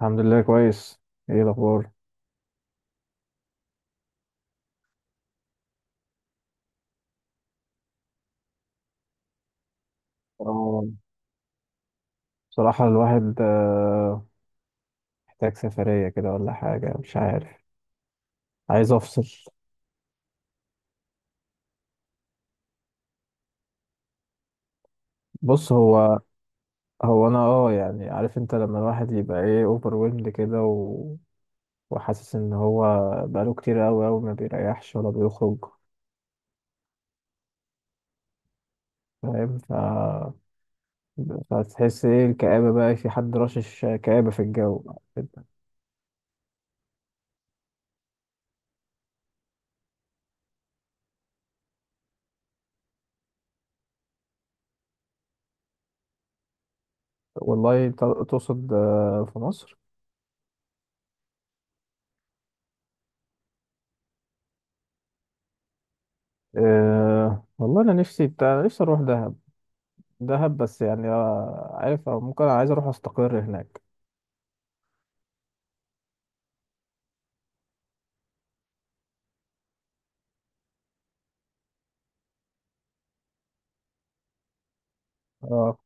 الحمد لله كويس. ايه الاخبار؟ اه بصراحة الواحد محتاج سفرية كده ولا حاجة، مش عارف. عايز افصل. بص، هو انا اه يعني، عارف انت لما الواحد يبقى ايه اوفر ويلد كده وحاسس ان هو بقاله كتير اوي اوي ما بيريحش ولا بيخرج. فاهم؟ فتحس ايه الكآبة بقى، في حد رشش كآبة في الجو. والله تقصد في مصر؟ آه والله انا نفسي بتاع نفسي اروح دهب. دهب بس يعني عارف، أو ممكن أنا عايز أروح أستقر هناك. آه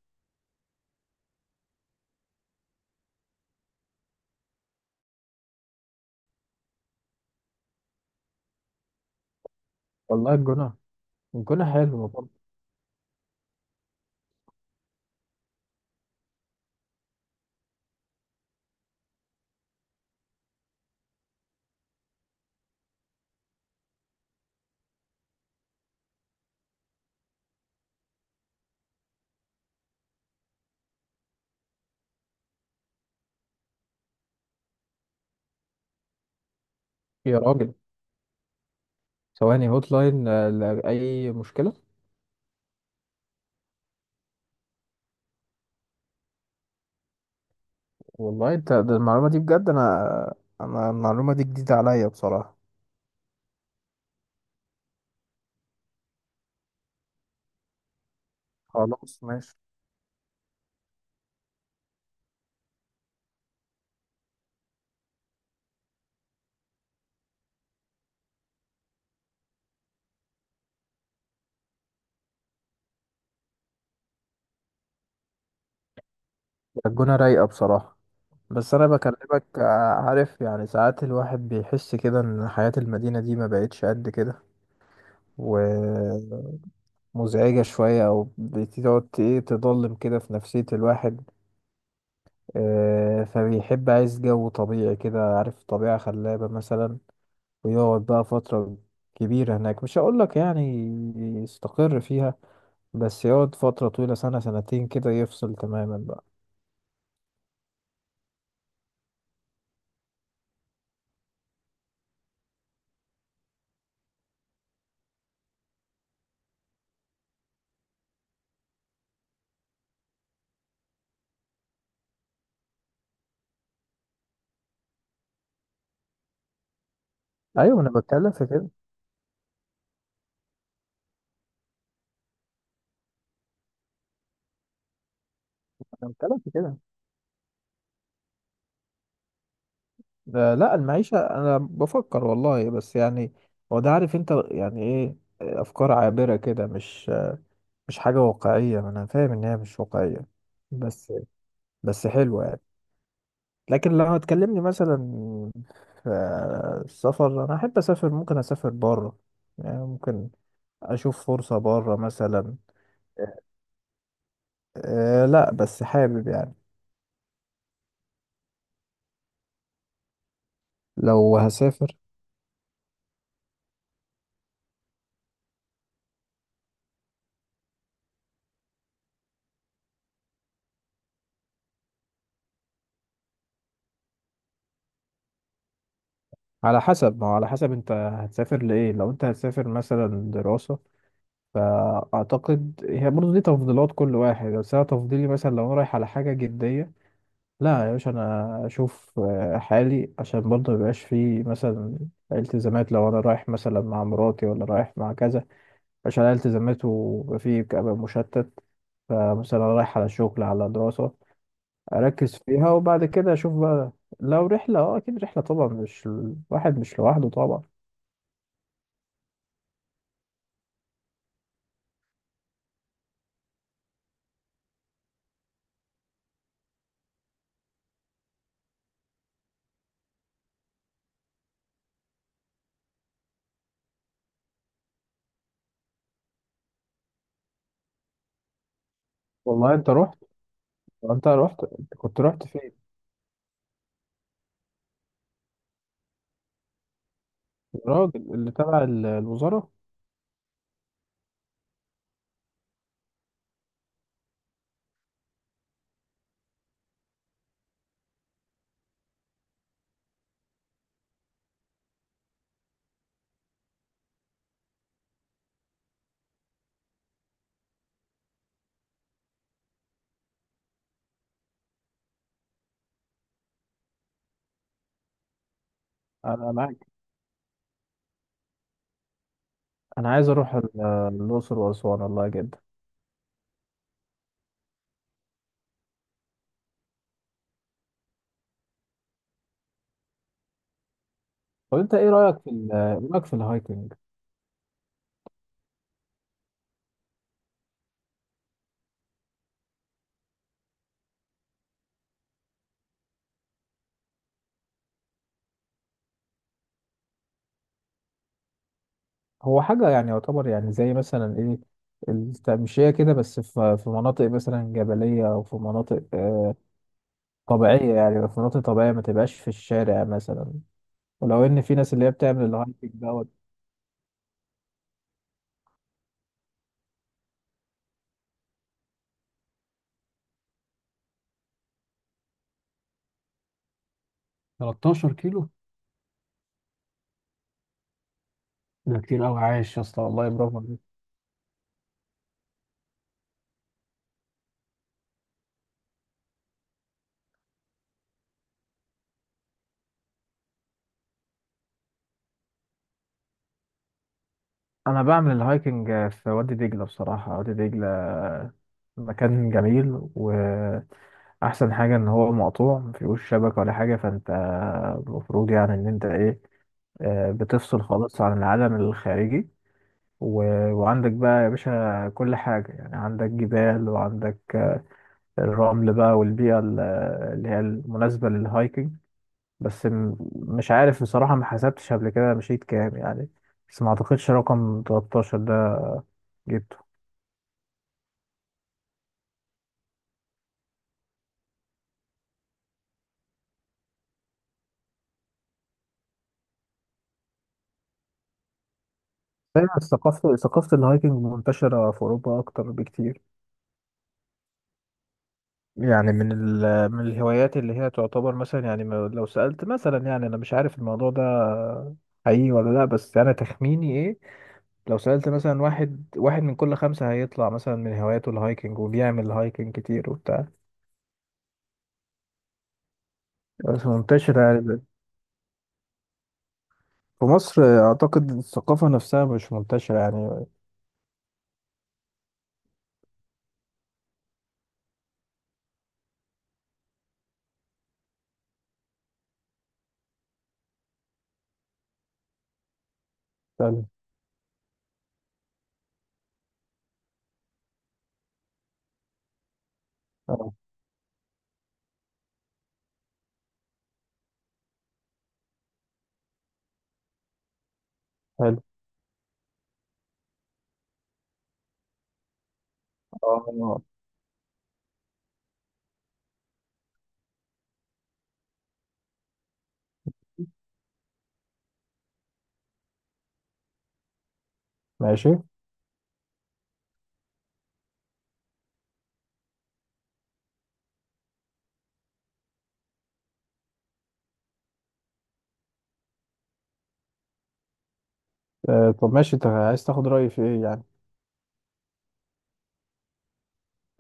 والله الجونة، الجونة حلوة برضه. يا راجل، ثواني، هوت لاين لأي مشكلة؟ والله أنت ده المعلومة دي بجد. أنا المعلومة دي جديدة عليا بصراحة. خلاص ماشي. الجونة رايقة بصراحة. بس أنا بكلمك، عارف يعني ساعات الواحد بيحس كده إن حياة المدينة دي ما بقتش قد كده، ومزعجة شوية. أو بتقعد إيه، تضلم كده في نفسية الواحد. فبيحب، عايز جو طبيعي كده، عارف، طبيعة خلابة مثلا، ويقعد بقى فترة كبيرة هناك. مش هقولك يعني يستقر فيها، بس يقعد فترة طويلة، سنة سنتين كده، يفصل تماما بقى. ايوه انا بتكلم في كده. انا بتكلم في كده لا المعيشة أنا بفكر والله، بس يعني هو ده، عارف أنت يعني إيه، أفكار عابرة كده، مش حاجة واقعية. أنا فاهم إن هي مش واقعية، بس بس حلوة يعني. لكن لو هتكلمني مثلا في السفر، انا احب اسافر، ممكن اسافر بره يعني. ممكن اشوف فرصة بره مثلا. أه لا بس حابب يعني. لو هسافر، على حسب ما هو، على حسب انت هتسافر لايه. لو انت هتسافر مثلا دراسة، فاعتقد هي برضه دي تفضيلات كل واحد. بس انا تفضيلي مثلا لو انا رايح على حاجة جدية، لا يا باشا، انا اشوف حالي، عشان برضه ميبقاش فيه مثلا التزامات. لو انا رايح مثلا مع مراتي ولا رايح مع كذا، عشان عليها التزامات ويبقى فيه، كأبقى مشتت. فمثلا رايح على شغل، على دراسة، اركز فيها وبعد كده اشوف بقى. لو رحلة، اه اكيد رحلة طبعا، مش الواحد مش لوحده طبعا. والله انت رحت، انت كنت رحت فين؟ الراجل اللي تبع الوزارة. انا معاك. انا عايز اروح الاقصر واسوان، والله جدا. طب انت ايه رايك في الهايكنج؟ هو حاجه يعني، يعتبر يعني زي مثلا ايه، التمشيه كده، بس في في مناطق مثلا جبليه، او في مناطق طبيعيه، يعني في مناطق طبيعيه، ما تبقاش في الشارع مثلا. ولو ان في ناس اللي هي بتعمل الهايكنج دوت. 13 كيلو؟ ده كتير قوي، عايش يا اسطى، والله برافو عليك. انا بعمل الهايكنج في وادي دجله، بصراحه وادي دجله مكان جميل، و احسن حاجه ان هو مقطوع، مفيهوش شبكه ولا حاجه. فانت المفروض يعني ان انت ايه، بتفصل خالص عن العالم الخارجي. و... وعندك بقى يا باشا كل حاجه، يعني عندك جبال وعندك الرمل بقى، والبيئه اللي هي المناسبه للهايكنج. بس مش عارف بصراحه، ما حسبتش قبل كده مشيت كام يعني، بس ما اعتقدش رقم 13 ده جبته. فعلا ثقافه، الهايكنج منتشره في اوروبا اكتر بكتير. يعني من من الهوايات اللي هي تعتبر مثلا، يعني لو سألت مثلا، يعني أنا مش عارف الموضوع ده حقيقي ولا لأ، بس أنا تخميني إيه، لو سألت مثلا، واحد واحد من كل خمسة هيطلع مثلا من هواياته الهايكنج، وبيعمل هايكنج كتير وبتاع. بس منتشرة يعني. في مصر أعتقد الثقافة نفسها مش منتشرة يعني. حلو. آه، حلو. آه، ماشي. طب ماشي، أنت عايز تاخد رأيي في إيه يعني؟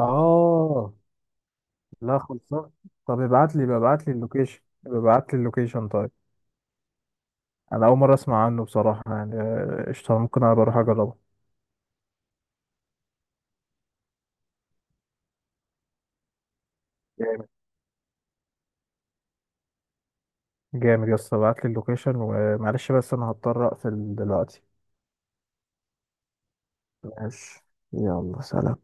آه لا خلصان. طب ابعت لي اللوكيشن. ابعت لي اللوكيشن طيب. انا اول مره اسمع عنه بصراحه، يعني قشطه، ممكن انا بروح اجربه. جامد. جامد يا اسطى، ابعت لي اللوكيشن، ومعلش بس انا هضطر اقفل دلوقتي. ماشي. يلا سلام.